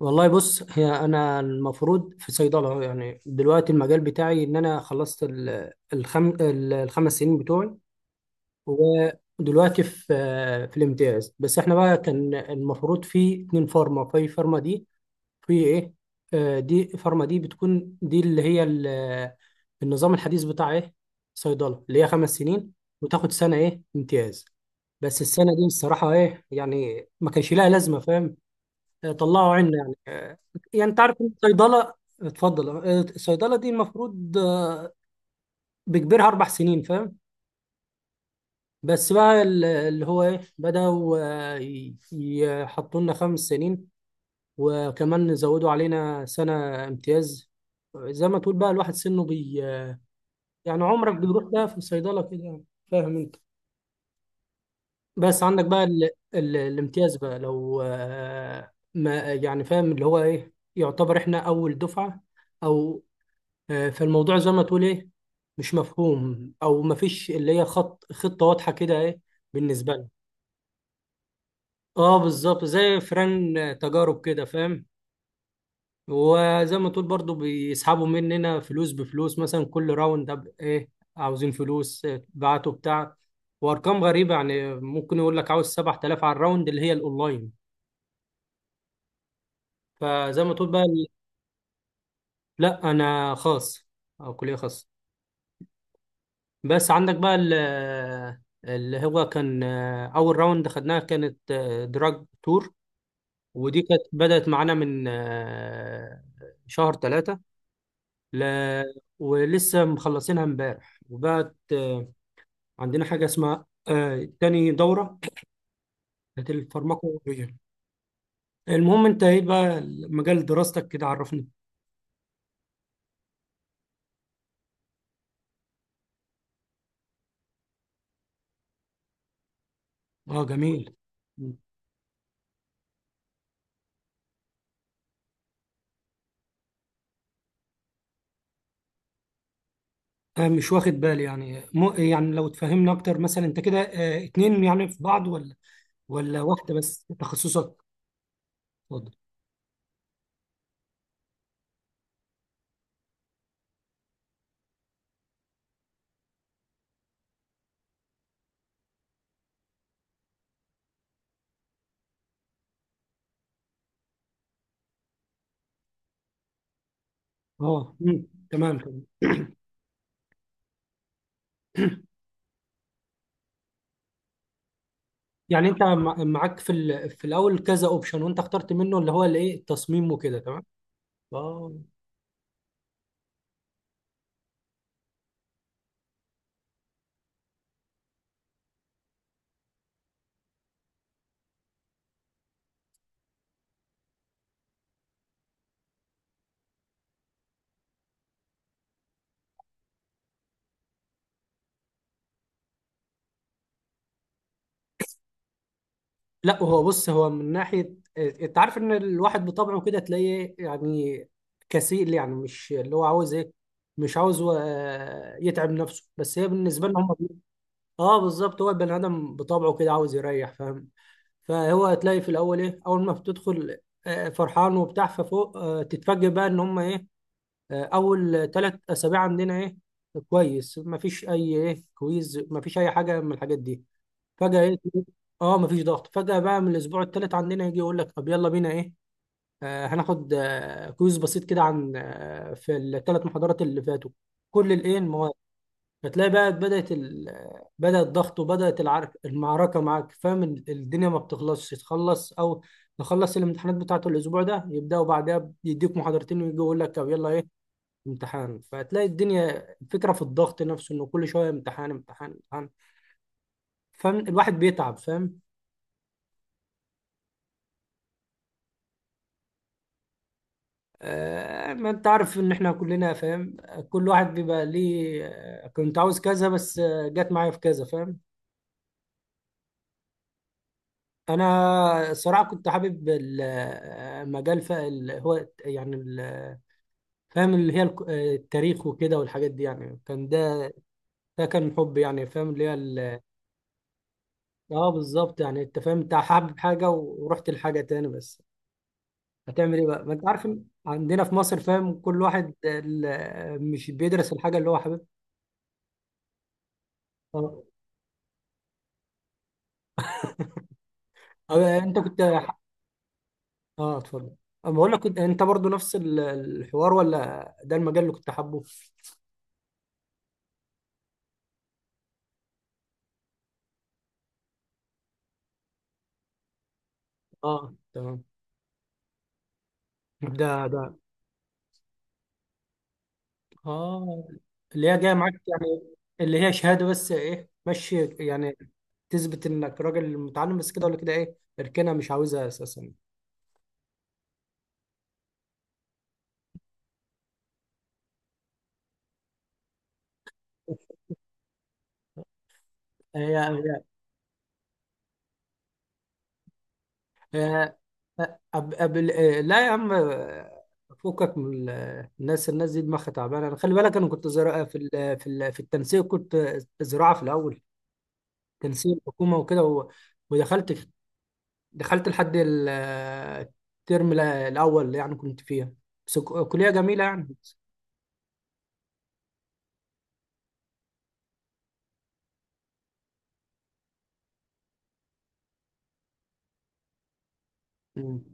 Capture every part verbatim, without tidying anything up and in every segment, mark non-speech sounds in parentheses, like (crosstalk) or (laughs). والله بص هي انا المفروض في صيدله أهو، يعني دلوقتي المجال بتاعي ان انا خلصت ال- الخم... ال- الخمس سنين بتوعي. ودلوقتي في في الامتياز. بس احنا بقى كان المفروض في اتنين فارما في فارما دي في ايه. آه، دي فارما دي بتكون دي اللي هي ال- النظام الحديث بتاع ايه صيدله اللي هي خمس سنين، وتاخد سنه ايه امتياز. بس السنه دي الصراحه ايه يعني ما كانش لها لازمه، فاهم؟ طلعوا عنا. يعني انت عارف إن الصيدله، اتفضل. آه، الصيدله دي المفروض آه، بكبرها اربع سنين، فاهم؟ بس بقى ال- اللي هو ايه بداوا، آه، ي- يحطوا لنا خمس سنين، وكمان زودوا علينا سنه امتياز. زي ما تقول بقى الواحد سنه بي، يعني عمرك بيروح بقى في الصيدله كده يعني، فاهم انت؟ بس عندك بقى ال... ال... الامتياز بقى، لو آه، ما يعني فاهم اللي هو ايه، يعتبر احنا اول دفعه او آه، فالموضوع زي ما تقول ايه مش مفهوم، او مفيش اللي هي خط خطة واضحة كده ايه بالنسبة لنا. اه بالظبط زي فران، آه، تجارب كده، فاهم؟ وزي ما تقول برضو بيسحبوا مننا فلوس بفلوس، مثلا كل راوند أب- ايه عاوزين فلوس، آه، بعتوا بتاع. وارقام غريبة، يعني ممكن يقول لك عاوز سبعة آلاف على الراوند اللي هي الاونلاين. فزي ما تقول بقى ال- لا انا خاص، او كلية خاصة. بس عندك بقى ال- اللي هو كان آه، اول راوند خدناها كانت دراج تور، ودي كانت بدأت معانا من آه، شهر ثلاثة، ل... ولسه مخلصينها امبارح، وبقت آه، عندنا حاجة اسمها آه، تاني دورة بتاعت الفارماكولوجيا. المهم انت ايه بقى مجال دراستك، كده عرفني. اه جميل. آه، مش واخد بالي، يعني مو يعني لو تفهمنا اكتر، مثلا انت كده آه، اتنين يعني في بعض، ولا ولا واحدة بس تخصصك؟ اتفضل. اه مم. تمام تمام. يعني انت مع- معاك في ال- في الاول كذا اوبشن، وانت اخترت منه اللي هو الايه التصميم وكده، تمام. اه. لا هو بص هو من ناحية آه، انت عارف ان الواحد بطبعه كده تلاقيه يعني كسيل، يعني مش اللي هو عاوز ايه، مش عاوز هو، آه، يتعب نفسه، بس هي بالنسبة لنا هم. اه بالظبط هو البني ادم بطبعه كده عاوز يريح، فاهم؟ فهو هتلاقي في الاول ايه اول ما بتدخل آه، فرحان وبتاع، ففوق آه، تتفاجئ بقى ان هم ايه. آه، اول تلات اسابيع عندنا ايه كويس، مفيش اي ايه كويز، مفيش اي حاجه من الحاجات دي. فجاه ايه تلاقي- اه مفيش ضغط. فجاه بقى من الاسبوع الثالث عندنا يجي يقول لك طب يلا بينا ايه، آه، هناخد آه، كويز بسيط كده عن آه، في الثلاث محاضرات اللي فاتوا، كل الايه المواد. فتلاقي بقى بدأت ال... بدأ الضغط، وبدأت العرك... المعركة معاك، فاهم؟ الدنيا ما بتخلصش. تخلص أو نخلص الامتحانات بتاعته الأسبوع ده، يبدأوا بعدها يديك محاضرتين، ويجي يقول لك طب يلا إيه امتحان. فتلاقي الدنيا فكرة في الضغط نفسه، إنه كل شوية امتحان امتحان امتحان، فاهم؟ الواحد بيتعب، فاهم؟ آه ما انت عارف ان احنا كلنا فاهم، كل واحد بيبقى ليه آه، كنت عاوز كذا بس آه، جت معايا في كذا، فاهم؟ انا الصراحه كنت حابب المجال ف- ال- هو يعني ال- فاهم اللي هي الك- آه، التاريخ وكده والحاجات دي، يعني كان ده، ده كان حب، يعني فاهم اللي هي ال- اه بالظبط. يعني انت فاهم انت حابب حاجه ورحت لحاجه تاني، بس هتعمل ايه بقى، ما انت عارف إن عندنا في مصر، فاهم؟ كل واحد ال- مش بيدرس الحاجه اللي هو حاببها. اه آه، انت كنت، اه اتفضل. أما بقول لك كنت، انت برضو نفس ال- الحوار؟ ولا ده المجال اللي كنت حابه؟ اه تمام. ده ده اه اللي هي جايه معاك، يعني اللي هي شهاده بس ايه ماشي يعني، تثبت انك راجل متعلم، بس كده ولا كده ايه؟ اركنها مش عاوزها اساسا. هي هي. هي أب أب لا يا عم. فكك من ال- الناس الناس دي دماغها تعبانه. انا خلي بالك انا كنت زراعه في ال- في ال- في التنسيق، كنت زراعه في الاول، تنسيق حكومه وكده، و- ودخلت، دخلت لحد ال- الترم ال- الاول، يعني كنت فيها، بس ك- كليه جميله يعني. مم.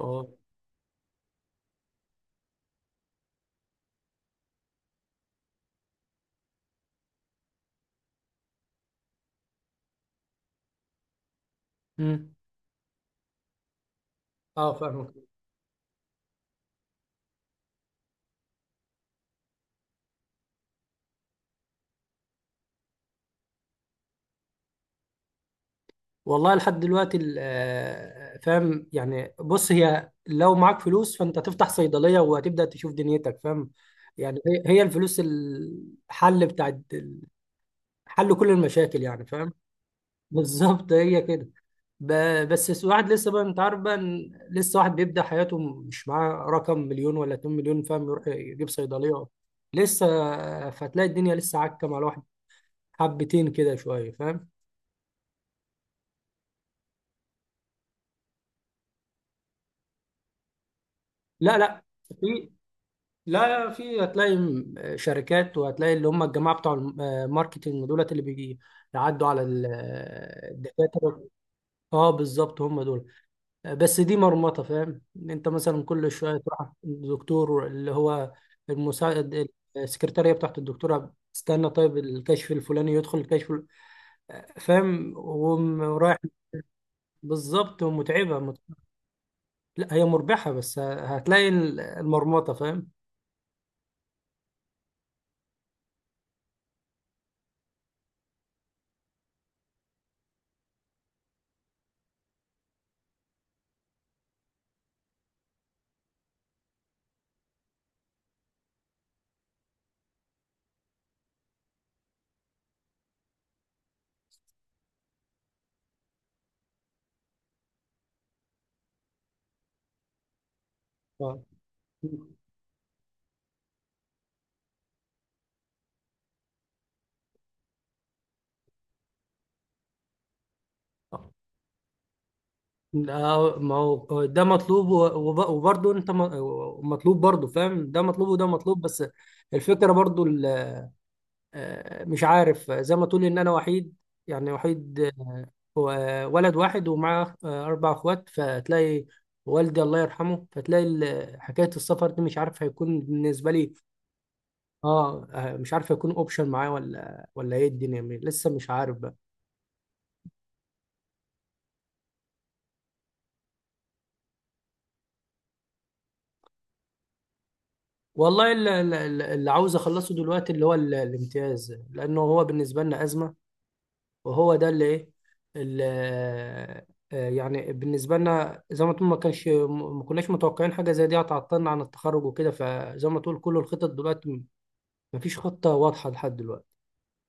اه مم. اه فاهمك. والله لحد دلوقتي ال- آه، فاهم يعني، بص هي لو معاك فلوس فانت تفتح صيدلية، وهتبدأ تشوف دنيتك، فاهم؟ يعني هي هي الفلوس الحل بتاع، حل كل المشاكل، يعني فاهم؟ (laughs) بالظبط هي كده. ب- بس س- واحد لسه بقى. انت عارف بقى إن لسه واحد بيبدأ حياته مش معاه رقم مليون، ولا 2 مليون، فاهم؟ يروح يجيب صيدلية لسه. فتلاقي الدنيا لسه عكة مع الواحد حبتين كده شوية، فاهم؟ لا لا. في. لا لا، في. هتلاقي م- شركات، وهتلاقي اللي هم الجماعه بتوع الماركتنج دولت، اللي بيجي يعدوا على ال- آه، الدكاتره. اه بالظبط هم دول. آه، بس دي مرمطه، فاهم إن انت مثلا كل شويه تروح الدكتور اللي هو المساعد، السكرتاريه بتاعت الدكتوره تستنى، طيب الكشف الفلاني يدخل الكشف ال- آه، فاهم، وم- ورايح. بالظبط ومتعبه مت- لا هي مربحه، بس هتلاقي المرمطه، فاهم؟ اه لا ما هو ده مطلوب و- وب- وبرضه انت م- مطلوب برضه، فاهم؟ ده مطلوب وده مطلوب، بس الفكرة برضه ال- آه، مش عارف. زي ما تقول ان انا وحيد، يعني وحيد. آه، ولد واحد، ومعاه آه، اربع اخوات، فتلاقي والدي الله يرحمه. فتلاقي ال- حكاية السفر دي مش عارف هيكون بالنسبة لي. اه آه، مش عارف هيكون اوبشن معايا، ولا ولا ايه. الدنيا لسه مش عارف بقى. والله اللي, اللي اللي عاوز اخلصه دلوقتي اللي هو ال- الامتياز، لانه هو بالنسبة لنا أزمة. وهو ده اللي ايه، اللي آه، آه، يعني بالنسبه لنا زي ما تقول، ما كانش ما كناش متوقعين حاجه زي دي هتعطلنا عن التخرج وكده. فزي ما تقول كل الخطط دلوقتي، ما فيش خطه واضحه لحد دلوقتي.